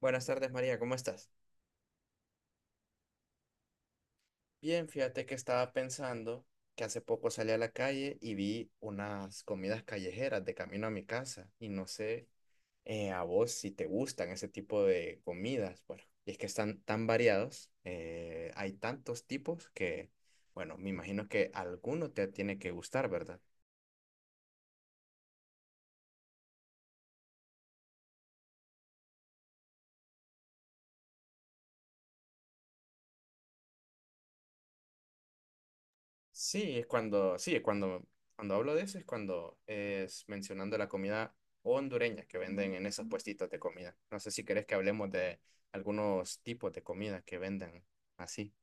Buenas tardes, María, ¿cómo estás? Bien, fíjate que estaba pensando que hace poco salí a la calle y vi unas comidas callejeras de camino a mi casa y no sé a vos si te gustan ese tipo de comidas. Bueno, y es que están tan variados, hay tantos tipos que, bueno, me imagino que alguno te tiene que gustar, ¿verdad? Sí, es cuando, sí, es cuando, cuando hablo de eso es cuando es mencionando la comida hondureña que venden en esos puestitos de comida. No sé si querés que hablemos de algunos tipos de comida que venden así.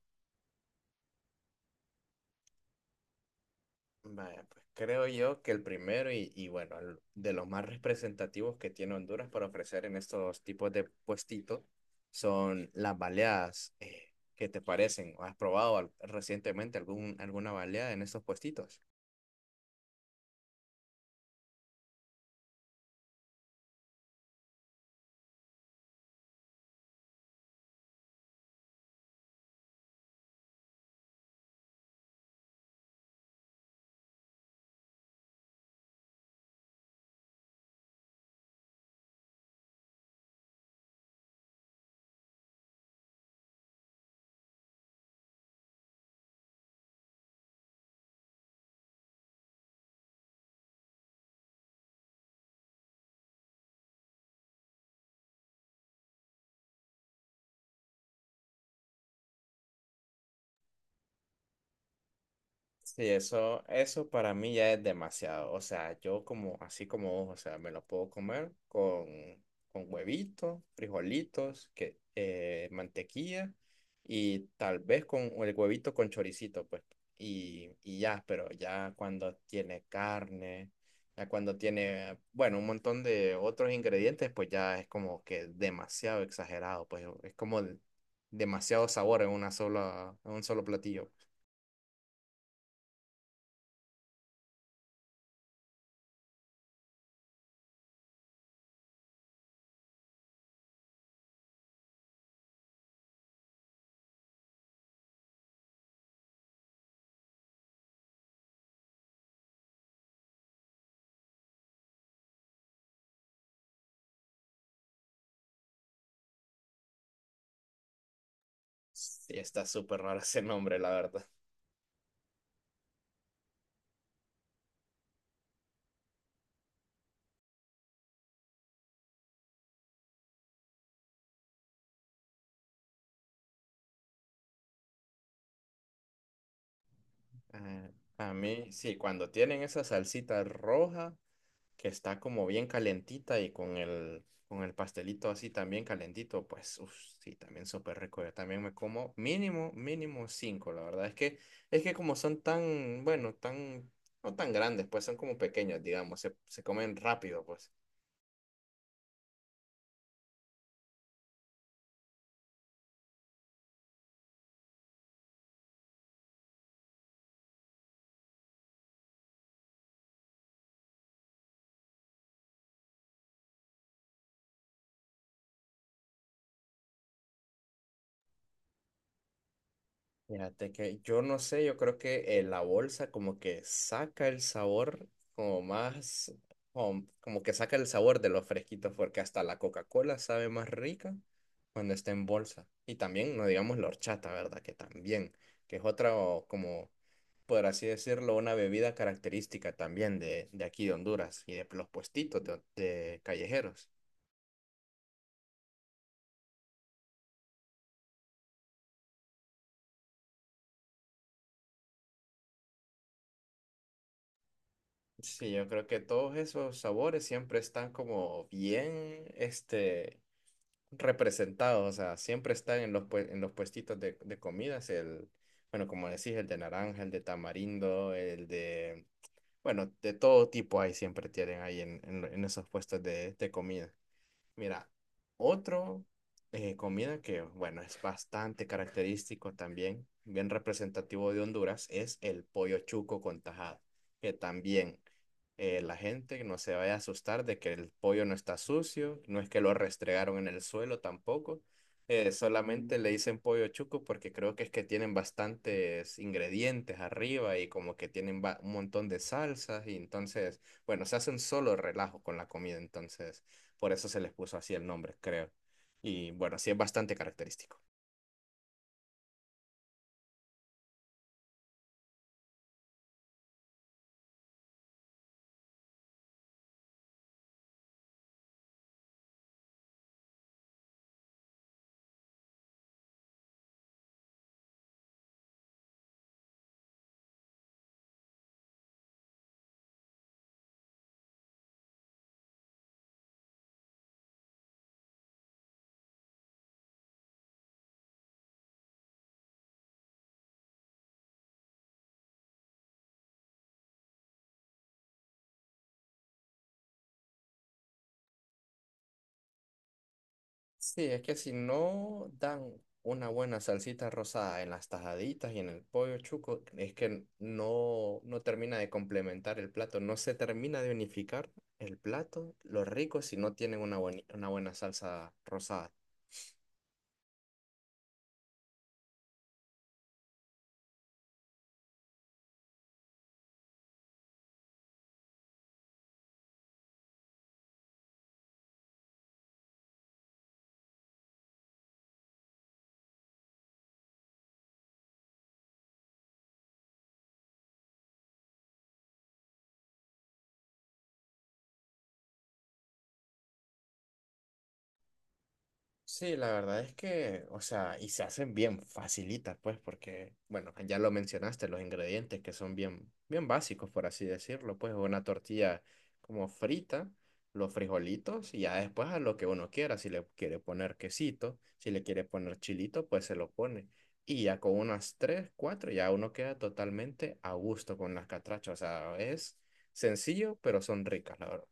Vaya, pues creo yo que el primero y bueno, de los más representativos que tiene Honduras para ofrecer en estos tipos de puestitos son las baleadas. ¿Qué te parecen? ¿Has recientemente alguna baleada en estos puestitos? Sí, eso para mí ya es demasiado. O sea, yo como, así como vos, o sea, me lo puedo comer con huevitos, frijolitos, que, mantequilla y tal vez con el huevito con choricito, pues. Y ya, pero ya cuando tiene carne, ya cuando tiene, bueno, un montón de otros ingredientes, pues ya es como que demasiado exagerado, pues es como demasiado sabor en una en un solo platillo. Sí, está súper raro ese nombre, la verdad. Eh, a mí, sí, cuando tienen esa salsita roja que está como bien calentita y con con el pastelito así también calentito, pues uf, sí, también súper rico. Yo también me como mínimo, mínimo cinco, la verdad. Es que como son tan, bueno, tan, no tan grandes, pues son como pequeños, digamos, se comen rápido, pues. Fíjate que yo no sé, yo creo que la bolsa como que saca el sabor como más, como que saca el sabor de los fresquitos, porque hasta la Coca-Cola sabe más rica cuando está en bolsa. Y también, no digamos la horchata, ¿verdad? Que es otra o como, por así decirlo, una bebida característica también de aquí de Honduras y de los puestitos de callejeros. Sí, yo creo que todos esos sabores siempre están como bien, este, representados, o sea, siempre están en en los puestitos de comidas, el, bueno, como decís, el de naranja, el de tamarindo, el de, bueno, de todo tipo ahí siempre tienen ahí en esos puestos de comida. Mira, otro comida que, bueno, es bastante característico también, bien representativo de Honduras, es el pollo chuco con tajada, que también la gente no se vaya a asustar de que el pollo no está sucio, no es que lo restregaron en el suelo tampoco, solamente le dicen pollo chuco porque creo que es que tienen bastantes ingredientes arriba y como que tienen un montón de salsas y entonces, bueno, se hace un solo relajo con la comida, entonces... Por eso se les puso así el nombre, creo. Y bueno, sí es bastante característico. Sí, es que si no dan una buena salsita rosada en las tajaditas y en el pollo chuco, es que no, no termina de complementar el plato, no se termina de unificar el plato, los ricos si no tienen una, una buena salsa rosada. Sí, la verdad es que, o sea, y se hacen bien facilitas, pues, porque, bueno, ya lo mencionaste, los ingredientes que son bien, bien básicos, por así decirlo, pues, una tortilla como frita, los frijolitos, y ya después a lo que uno quiera, si le quiere poner quesito, si le quiere poner chilito, pues se lo pone. Y ya con unas tres, cuatro, ya uno queda totalmente a gusto con las catrachas, o sea, es sencillo, pero son ricas, la verdad.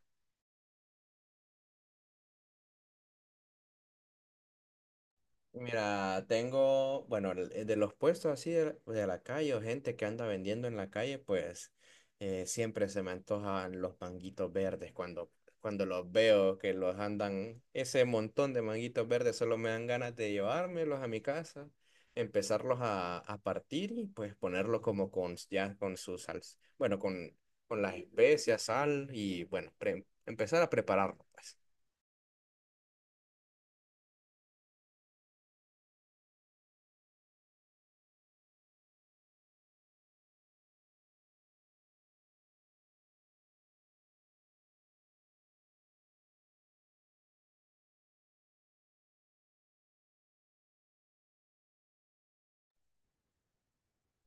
Mira, tengo, bueno, de los puestos así de la calle o gente que anda vendiendo en la calle, pues siempre se me antojan los manguitos verdes cuando los veo que los andan, ese montón de manguitos verdes solo me dan ganas de llevármelos a mi casa, empezarlos a partir y pues ponerlos como con, ya con su sal, bueno, con las especias, sal y bueno, empezar a prepararlo, pues.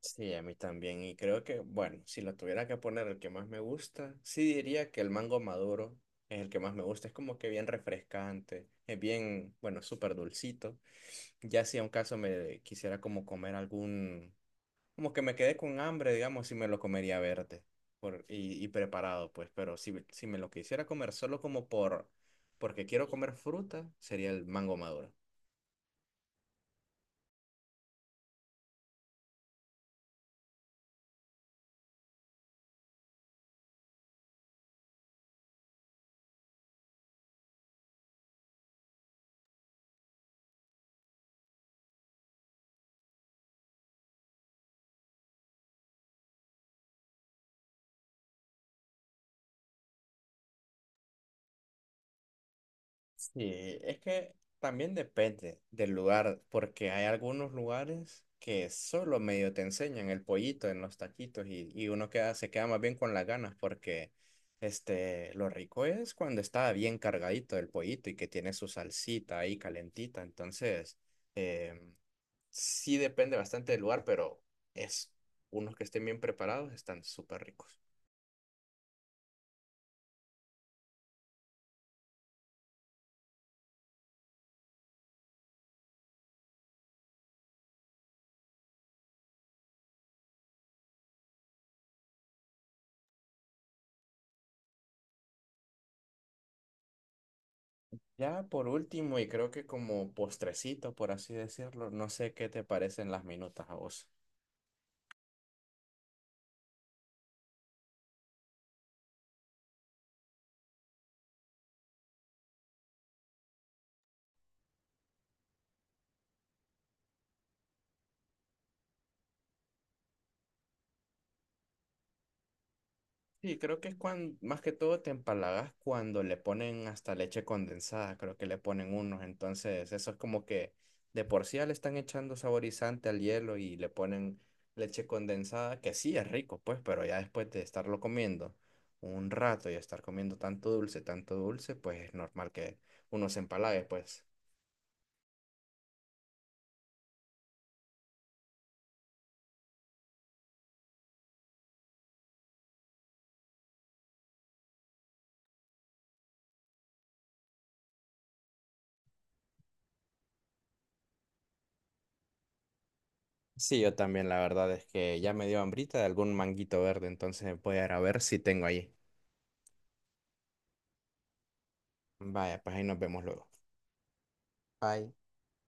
Sí, a mí también. Y creo que, bueno, si lo tuviera que poner el que más me gusta, sí diría que el mango maduro es el que más me gusta. Es como que bien refrescante, es bien, bueno, súper dulcito. Ya si a un caso me quisiera como comer algún, como que me quedé con hambre, digamos, si me lo comería verde por, y preparado, pues. Pero si me lo quisiera comer solo como por, porque quiero comer fruta, sería el mango maduro. Sí, es que también depende del lugar, porque hay algunos lugares que solo medio te enseñan el pollito en los taquitos y uno queda, se queda más bien con las ganas porque este, lo rico es cuando está bien cargadito el pollito y que tiene su salsita ahí calentita. Entonces, em, sí depende bastante del lugar, pero es, unos que estén bien preparados están súper ricos. Ya por último, y creo que como postrecito, por así decirlo, no sé qué te parecen las minutas a vos. Sí, creo que es cuando, más que todo te empalagas cuando le ponen hasta leche condensada, creo que le ponen unos, entonces eso es como que de por sí ya le están echando saborizante al hielo y le ponen leche condensada, que sí es rico, pues, pero ya después de estarlo comiendo un rato y estar comiendo tanto dulce, pues es normal que uno se empalague, pues. Sí, yo también, la verdad es que ya me dio hambrita de algún manguito verde, entonces voy a ir a ver si tengo ahí. Vaya, pues ahí nos vemos luego. Bye.